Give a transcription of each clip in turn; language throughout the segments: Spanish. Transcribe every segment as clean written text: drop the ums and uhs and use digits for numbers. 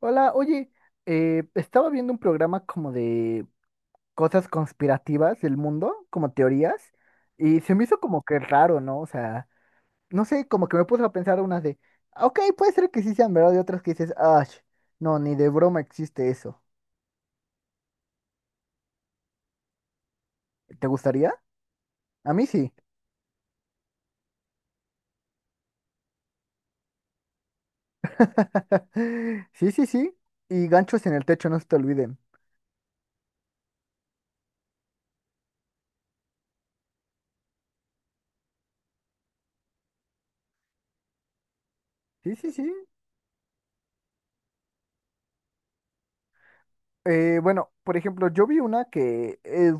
Hola, oye, estaba viendo un programa como de cosas conspirativas del mundo, como teorías, y se me hizo como que raro, ¿no? O sea, no sé, como que me puse a pensar unas de, "Ah, ok, puede ser que sí sean verdad", y otras que dices, "Ah, no, ni de broma existe eso". ¿Te gustaría? A mí sí. Sí, sí, sí. Y ganchos en el techo, no se te olviden. Sí, sí, sí. Bueno, por ejemplo, yo vi una que es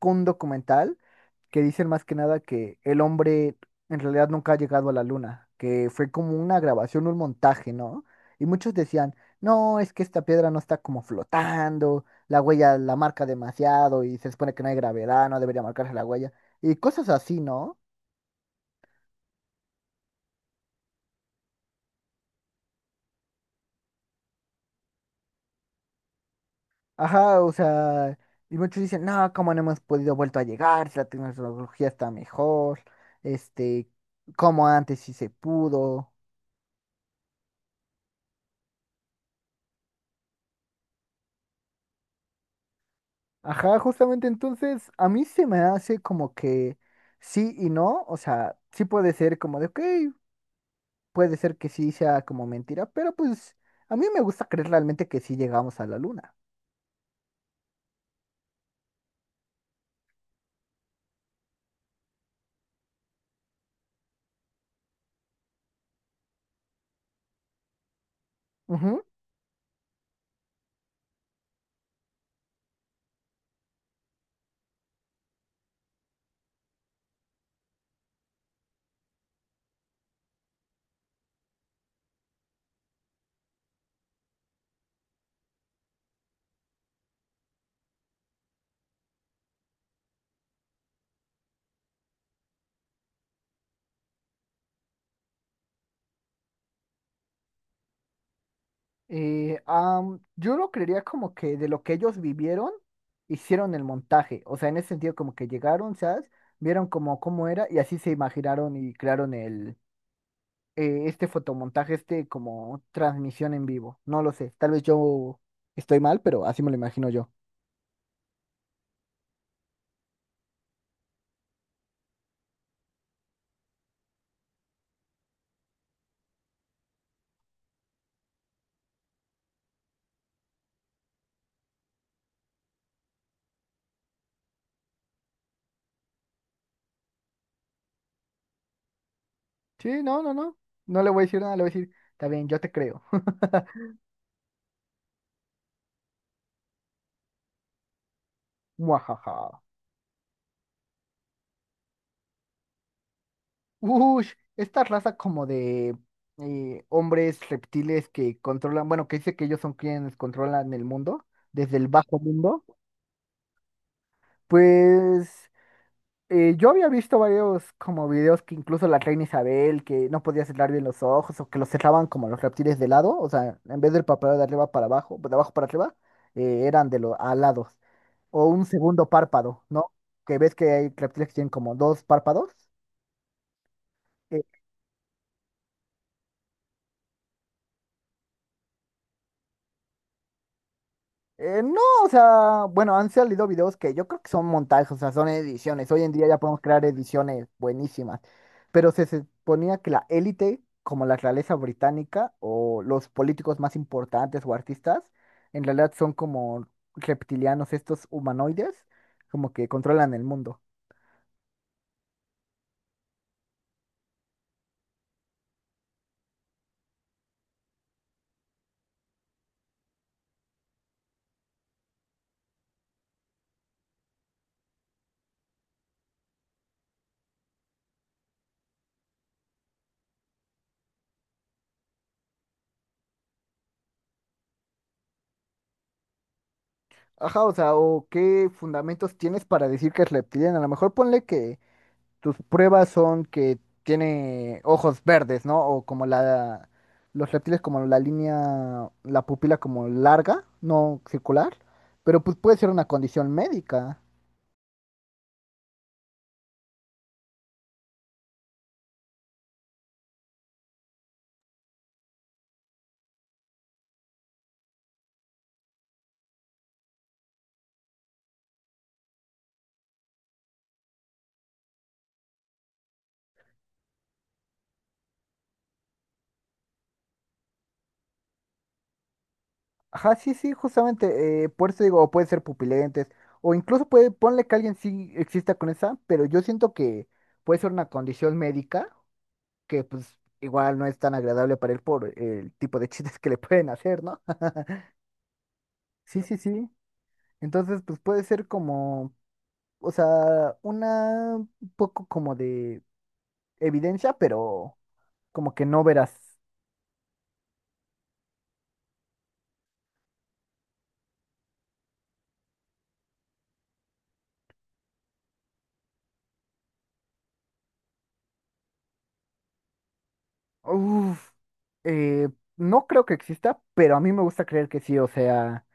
un documental, que dicen más que nada que el hombre en realidad nunca ha llegado a la luna, que fue como una grabación, un montaje, ¿no? Y muchos decían, no, es que esta piedra no está como flotando, la huella la marca demasiado y se supone que no hay gravedad, no debería marcarse la huella, y cosas así, ¿no? Ajá, o sea, y muchos dicen, no, ¿cómo no hemos podido vuelto a llegar? Si la tecnología está mejor, este, como antes sí se pudo. Ajá, justamente entonces a mí se me hace como que sí y no. O sea, sí puede ser como de, ok, puede ser que sí sea como mentira, pero pues a mí me gusta creer realmente que sí llegamos a la luna. Ujú. Yo lo creería como que de lo que ellos vivieron, hicieron el montaje, o sea, en ese sentido como que llegaron, ¿sabes? Vieron como cómo era y así se imaginaron y crearon este fotomontaje, este como transmisión en vivo. No lo sé, tal vez yo estoy mal, pero así me lo imagino yo. Sí, no, no, no. No le voy a decir nada, le voy a decir, está bien, yo te creo. Muajaja. Ush, esta raza como de hombres reptiles que controlan, bueno, que dice que ellos son quienes controlan el mundo, desde el bajo mundo, pues yo había visto varios como videos que incluso la reina Isabel, que no podía cerrar bien los ojos o que los cerraban como los reptiles de lado, o sea, en vez del párpado de arriba para abajo, de abajo para arriba, eran de los alados. O un segundo párpado, ¿no? Que ves que hay reptiles que tienen como dos párpados. No, o sea, bueno, han salido videos que yo creo que son montajes, o sea, son ediciones. Hoy en día ya podemos crear ediciones buenísimas, pero se suponía que la élite, como la realeza británica o los políticos más importantes o artistas, en realidad son como reptilianos, estos humanoides, como que controlan el mundo. Ajá, o sea, o qué fundamentos tienes para decir que es reptiliano. A lo mejor ponle que tus pruebas son que tiene ojos verdes, ¿no? O como la, los reptiles como la línea, la pupila como larga, no circular, pero pues puede ser una condición médica. Ajá, sí, sí, justamente, por eso digo, o puede ser pupilentes, o incluso puede, ponle que alguien sí exista con esa, pero yo siento que puede ser una condición médica que pues igual no es tan agradable para él por el tipo de chistes que le pueden hacer, ¿no? Sí, sí, sí. Entonces, pues puede ser como, o sea, una un poco como de evidencia, pero como que no verás. Uf, eh, no creo que exista, pero a mí me gusta creer que sí, o sea,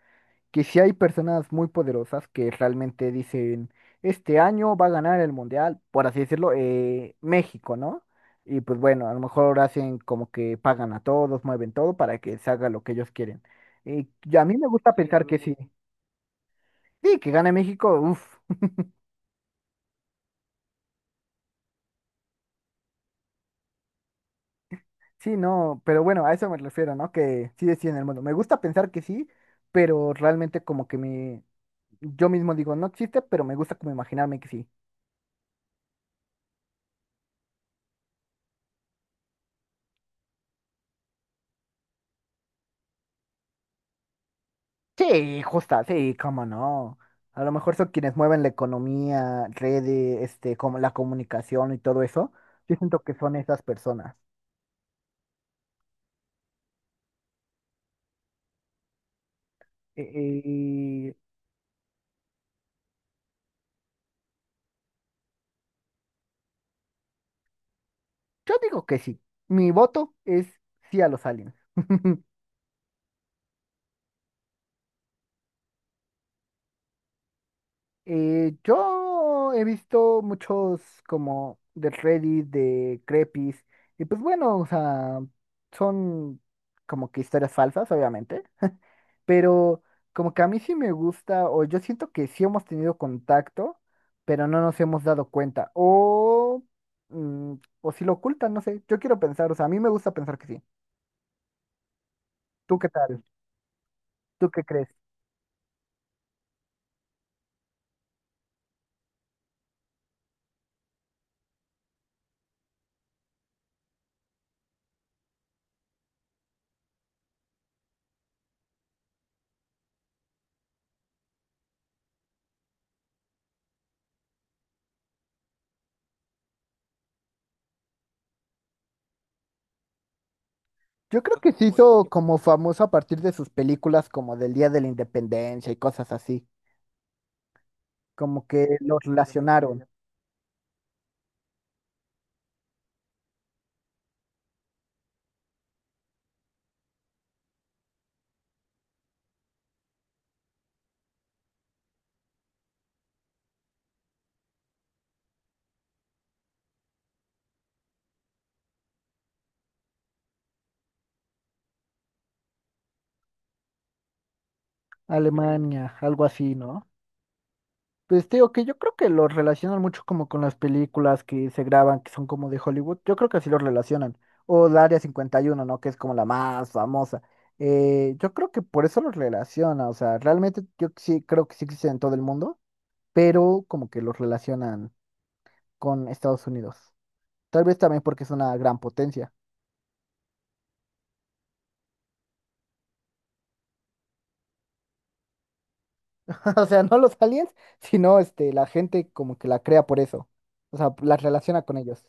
que sí hay personas muy poderosas que realmente dicen, este año va a ganar el mundial, por así decirlo, México, ¿no? Y pues bueno, a lo mejor hacen como que pagan a todos, mueven todo para que se haga lo que ellos quieren. Y a mí me gusta pensar que sí. Sí, que gane México, uff. Sí, no, pero bueno, a eso me refiero, ¿no? Que sí deciden el mundo. Me gusta pensar que sí, pero realmente como que me, yo mismo digo, no existe, pero me gusta como imaginarme que sí. Sí, justa, sí, cómo no. A lo mejor son quienes mueven la economía, redes, este, como la comunicación y todo eso. Yo siento que son esas personas. Eh, eh, yo digo que sí. Mi voto es sí a los aliens. Yo he visto muchos como de Reddit, de Crepis, y pues bueno, o sea, son como que historias falsas, obviamente, pero como que a mí sí me gusta, o yo siento que sí hemos tenido contacto, pero no nos hemos dado cuenta, o, mm, o si lo ocultan, no sé, yo quiero pensar, o sea, a mí me gusta pensar que sí. ¿Tú qué tal? ¿Tú qué crees? Yo creo que se hizo como famoso a partir de sus películas como del Día de la Independencia y cosas así. Como que los relacionaron. Alemania, algo así, ¿no? Pues te digo que yo creo que los relacionan mucho como con las películas que se graban, que son como de Hollywood. Yo creo que así los relacionan. O el Área 51, ¿no? Que es como la más famosa. Yo creo que por eso los relaciona. O sea, realmente yo sí creo que sí existen en todo el mundo, pero como que los relacionan con Estados Unidos. Tal vez también porque es una gran potencia. O sea, no los aliens, sino este, la gente como que la crea por eso. O sea, la relaciona con ellos.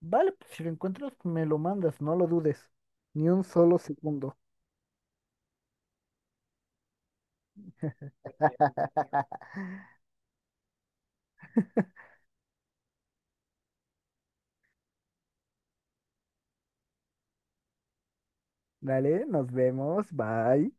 Vale, pues si lo encuentras, me lo mandas, no lo dudes. Ni un solo segundo. Dale, nos vemos, bye.